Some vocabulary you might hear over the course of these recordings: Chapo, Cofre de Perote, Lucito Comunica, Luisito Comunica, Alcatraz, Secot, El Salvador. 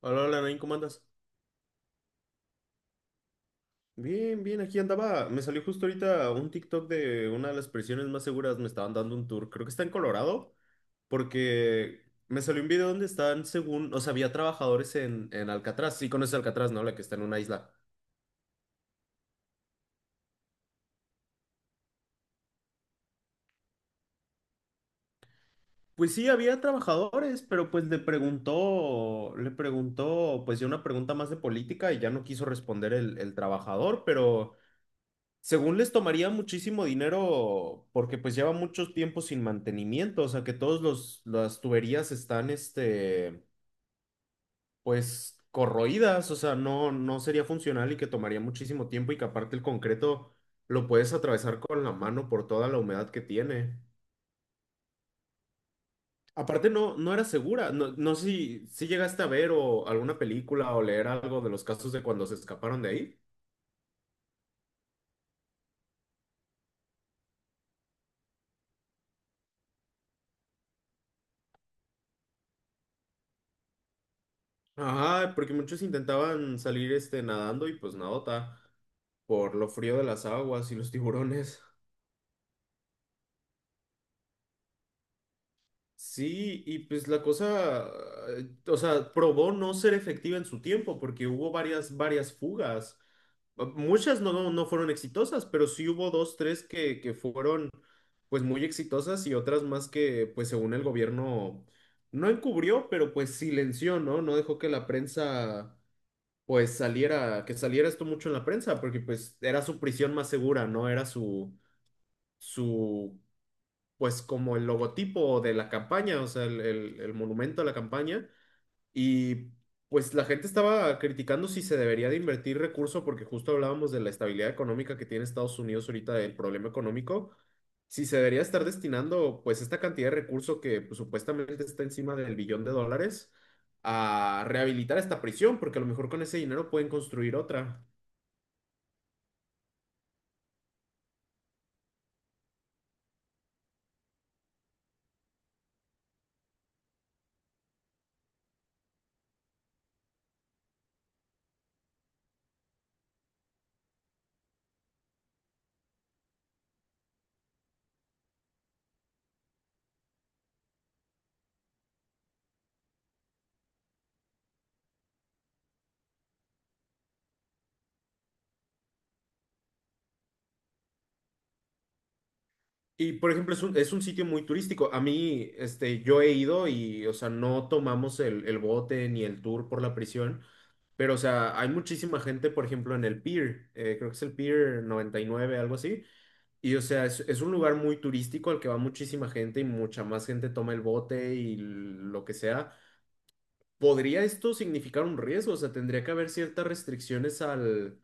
Hola, hola, Nain, ¿cómo andas? Bien, bien, aquí andaba. Me salió justo ahorita un TikTok de una de las prisiones más seguras. Me estaban dando un tour. Creo que está en Colorado, porque me salió un video donde están, según, o sea, había trabajadores en Alcatraz. Sí, conoces Alcatraz, ¿no? La que está en una isla. Pues sí, había trabajadores, pero pues le preguntó, pues ya una pregunta más de política y ya no quiso responder el trabajador, pero. Según les tomaría muchísimo dinero porque pues lleva mucho tiempo sin mantenimiento, o sea que todos los las tuberías están pues corroídas, o sea, no sería funcional y que tomaría muchísimo tiempo y que aparte el concreto lo puedes atravesar con la mano por toda la humedad que tiene. Aparte no era segura, no sé si llegaste a ver o alguna película o leer algo de los casos de cuando se escaparon de ahí. Ajá, porque muchos intentaban salir nadando y pues nadota por lo frío de las aguas y los tiburones. Sí, y pues la cosa, o sea, probó no ser efectiva en su tiempo porque hubo varias fugas. Ah, muchas no, no fueron exitosas, pero sí hubo dos, tres que fueron pues muy exitosas y otras más que pues según el gobierno no encubrió, pero pues silenció, ¿no? No dejó que la prensa pues saliera esto mucho en la prensa, porque pues era su prisión más segura, ¿no? Era su, su, pues como el logotipo de la campaña, o sea, el monumento a la campaña, y pues la gente estaba criticando si se debería de invertir recursos porque justo hablábamos de la estabilidad económica que tiene Estados Unidos ahorita, del problema económico, si se debería estar destinando pues esta cantidad de recursos que pues, supuestamente está encima del billón de dólares a rehabilitar esta prisión, porque a lo mejor con ese dinero pueden construir otra. Y por ejemplo, es un sitio muy turístico. A mí, yo he ido y, o sea, no tomamos el bote ni el tour por la prisión. Pero, o sea, hay muchísima gente, por ejemplo, en el Pier, creo que es el Pier 99, algo así. Y, o sea, es un lugar muy turístico al que va muchísima gente y mucha más gente toma el bote y lo que sea. ¿Podría esto significar un riesgo? O sea, tendría que haber ciertas restricciones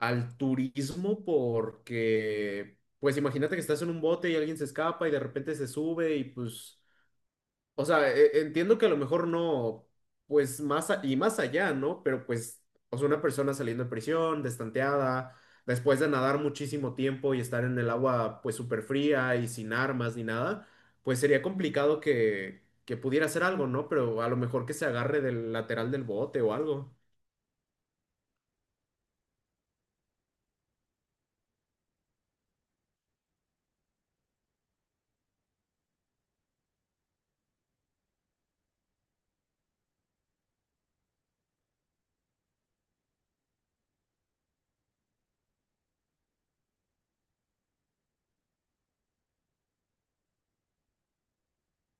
al turismo porque, pues imagínate que estás en un bote y alguien se escapa y de repente se sube y pues o sea, entiendo que a lo mejor no, pues más a- y más allá, ¿no? Pero pues, o sea, una persona saliendo de prisión, destanteada, después de nadar muchísimo tiempo y estar en el agua pues súper fría y sin armas ni nada, pues sería complicado que pudiera hacer algo, ¿no? Pero a lo mejor que se agarre del lateral del bote o algo.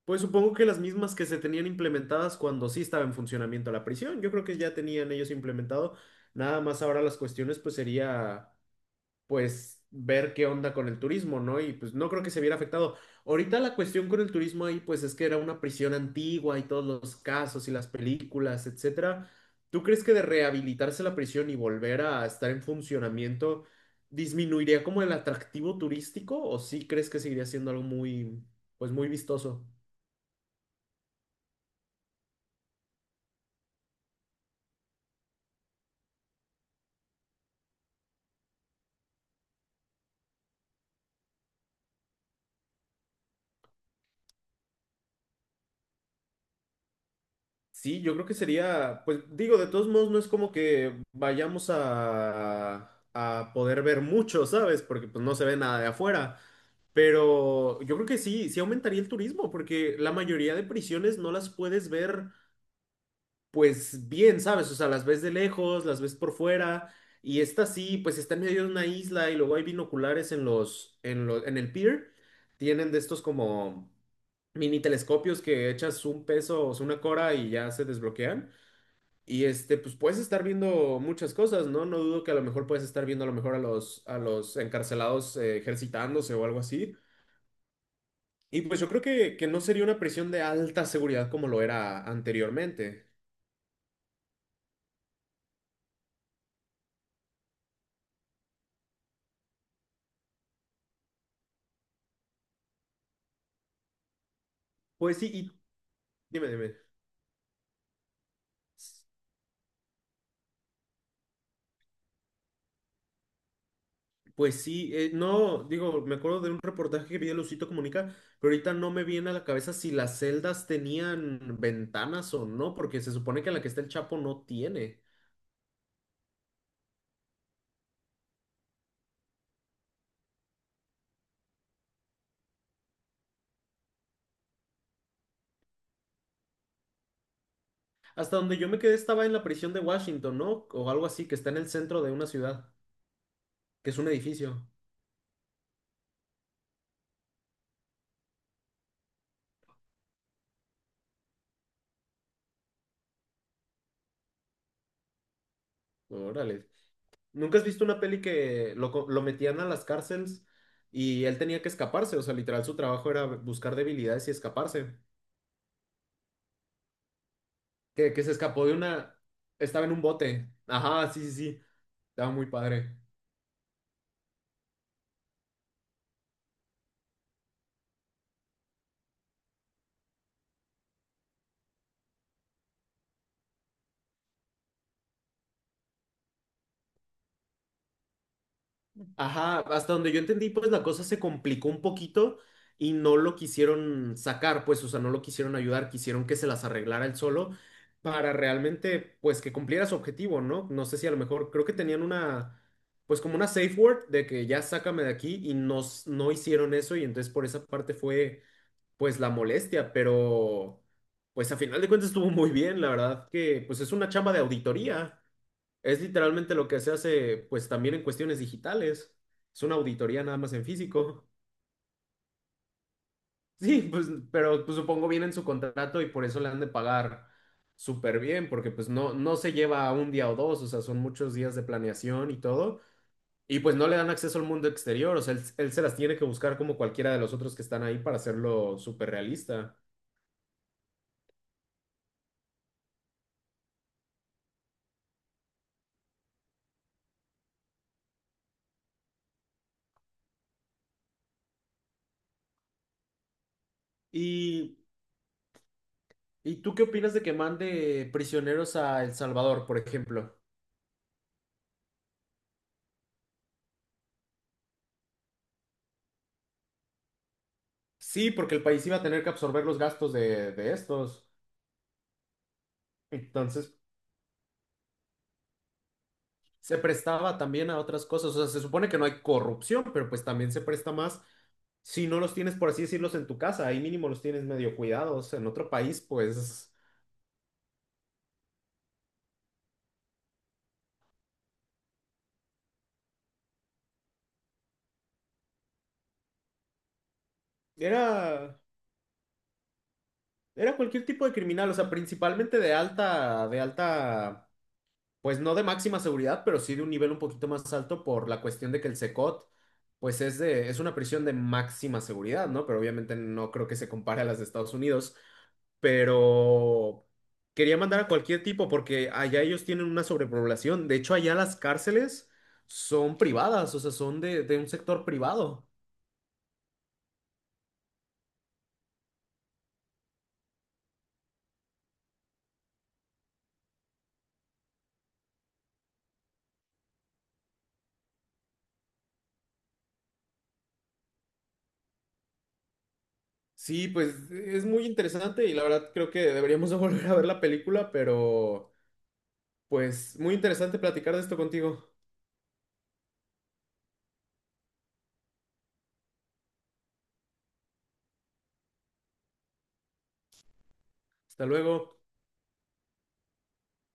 Pues supongo que las mismas que se tenían implementadas cuando sí estaba en funcionamiento la prisión, yo creo que ya tenían ellos implementado, nada más ahora las cuestiones pues sería pues ver qué onda con el turismo, ¿no? Y pues no creo que se viera afectado. Ahorita la cuestión con el turismo ahí, pues es que era una prisión antigua y todos los casos y las películas, etcétera. ¿Tú crees que de rehabilitarse la prisión y volver a estar en funcionamiento disminuiría como el atractivo turístico o sí crees que seguiría siendo algo muy, pues muy vistoso? Sí, yo creo que sería, pues digo, de todos modos no es como que vayamos a poder ver mucho, ¿sabes? Porque pues no se ve nada de afuera. Pero yo creo que sí, sí aumentaría el turismo, porque la mayoría de prisiones no las puedes ver pues bien, ¿sabes? O sea, las ves de lejos, las ves por fuera, y esta sí, pues está en medio de una isla y luego hay binoculares en los, en lo- en el pier, tienen de estos como mini telescopios que echas un peso o sea, una cora y ya se desbloquean. Y pues puedes estar viendo muchas cosas, ¿no? No dudo que a lo mejor puedes estar viendo a lo mejor a los encarcelados ejercitándose o algo así. Y pues yo creo que no sería una prisión de alta seguridad como lo era anteriormente. Pues sí, y dime, dime. Pues sí, no, digo, me acuerdo de un reportaje que vi de Lucito Comunica, pero ahorita no me viene a la cabeza si las celdas tenían ventanas o no, porque se supone que la que está el Chapo no tiene. Hasta donde yo me quedé estaba en la prisión de Washington, ¿no? O algo así, que está en el centro de una ciudad, que es un edificio. Órale. ¿Nunca has visto una peli que lo, lo metían a las cárceles y él tenía que escaparse? O sea, literal, su trabajo era buscar debilidades y escaparse. Que se escapó de una... Estaba en un bote. Ajá, sí, sí, sí. Estaba muy padre. Ajá, hasta donde yo entendí, pues la cosa se complicó un poquito y no lo quisieron sacar, pues, o sea, no lo quisieron ayudar, quisieron que se las arreglara él solo para realmente, pues, que cumpliera su objetivo, ¿no? No sé si a lo mejor, creo que tenían una, pues, como una safe word de que ya sácame de aquí y no, no hicieron eso y entonces por esa parte fue, pues, la molestia, pero, pues, a final de cuentas estuvo muy bien, la verdad que, pues, es una chamba de auditoría. Es literalmente lo que se hace, pues también en cuestiones digitales. Es una auditoría nada más en físico. Sí, pues, pero pues, supongo viene en su contrato y por eso le han de pagar súper bien, porque pues no, no se lleva un día o dos, o sea, son muchos días de planeación y todo. Y pues no le dan acceso al mundo exterior, o sea, él se las tiene que buscar como cualquiera de los otros que están ahí para hacerlo súper realista. ¿Y, y tú qué opinas de que mande prisioneros a El Salvador, por ejemplo? Sí, porque el país iba a tener que absorber los gastos de estos. Entonces, se prestaba también a otras cosas. O sea, se supone que no hay corrupción, pero pues también se presta más si no los tienes, por así decirlos, en tu casa. Ahí mínimo los tienes medio cuidados. En otro país, pues, era, era cualquier tipo de criminal. O sea, principalmente de alta pues no de máxima seguridad, pero sí de un nivel un poquito más alto por la cuestión de que el Secot, pues es de, es una prisión de máxima seguridad, ¿no? Pero obviamente no creo que se compare a las de Estados Unidos, pero quería mandar a cualquier tipo porque allá ellos tienen una sobrepoblación. De hecho, allá las cárceles son privadas, o sea, son de un sector privado. Sí, pues es muy interesante y la verdad creo que deberíamos de volver a ver la película, pero pues muy interesante platicar de esto contigo. Hasta luego.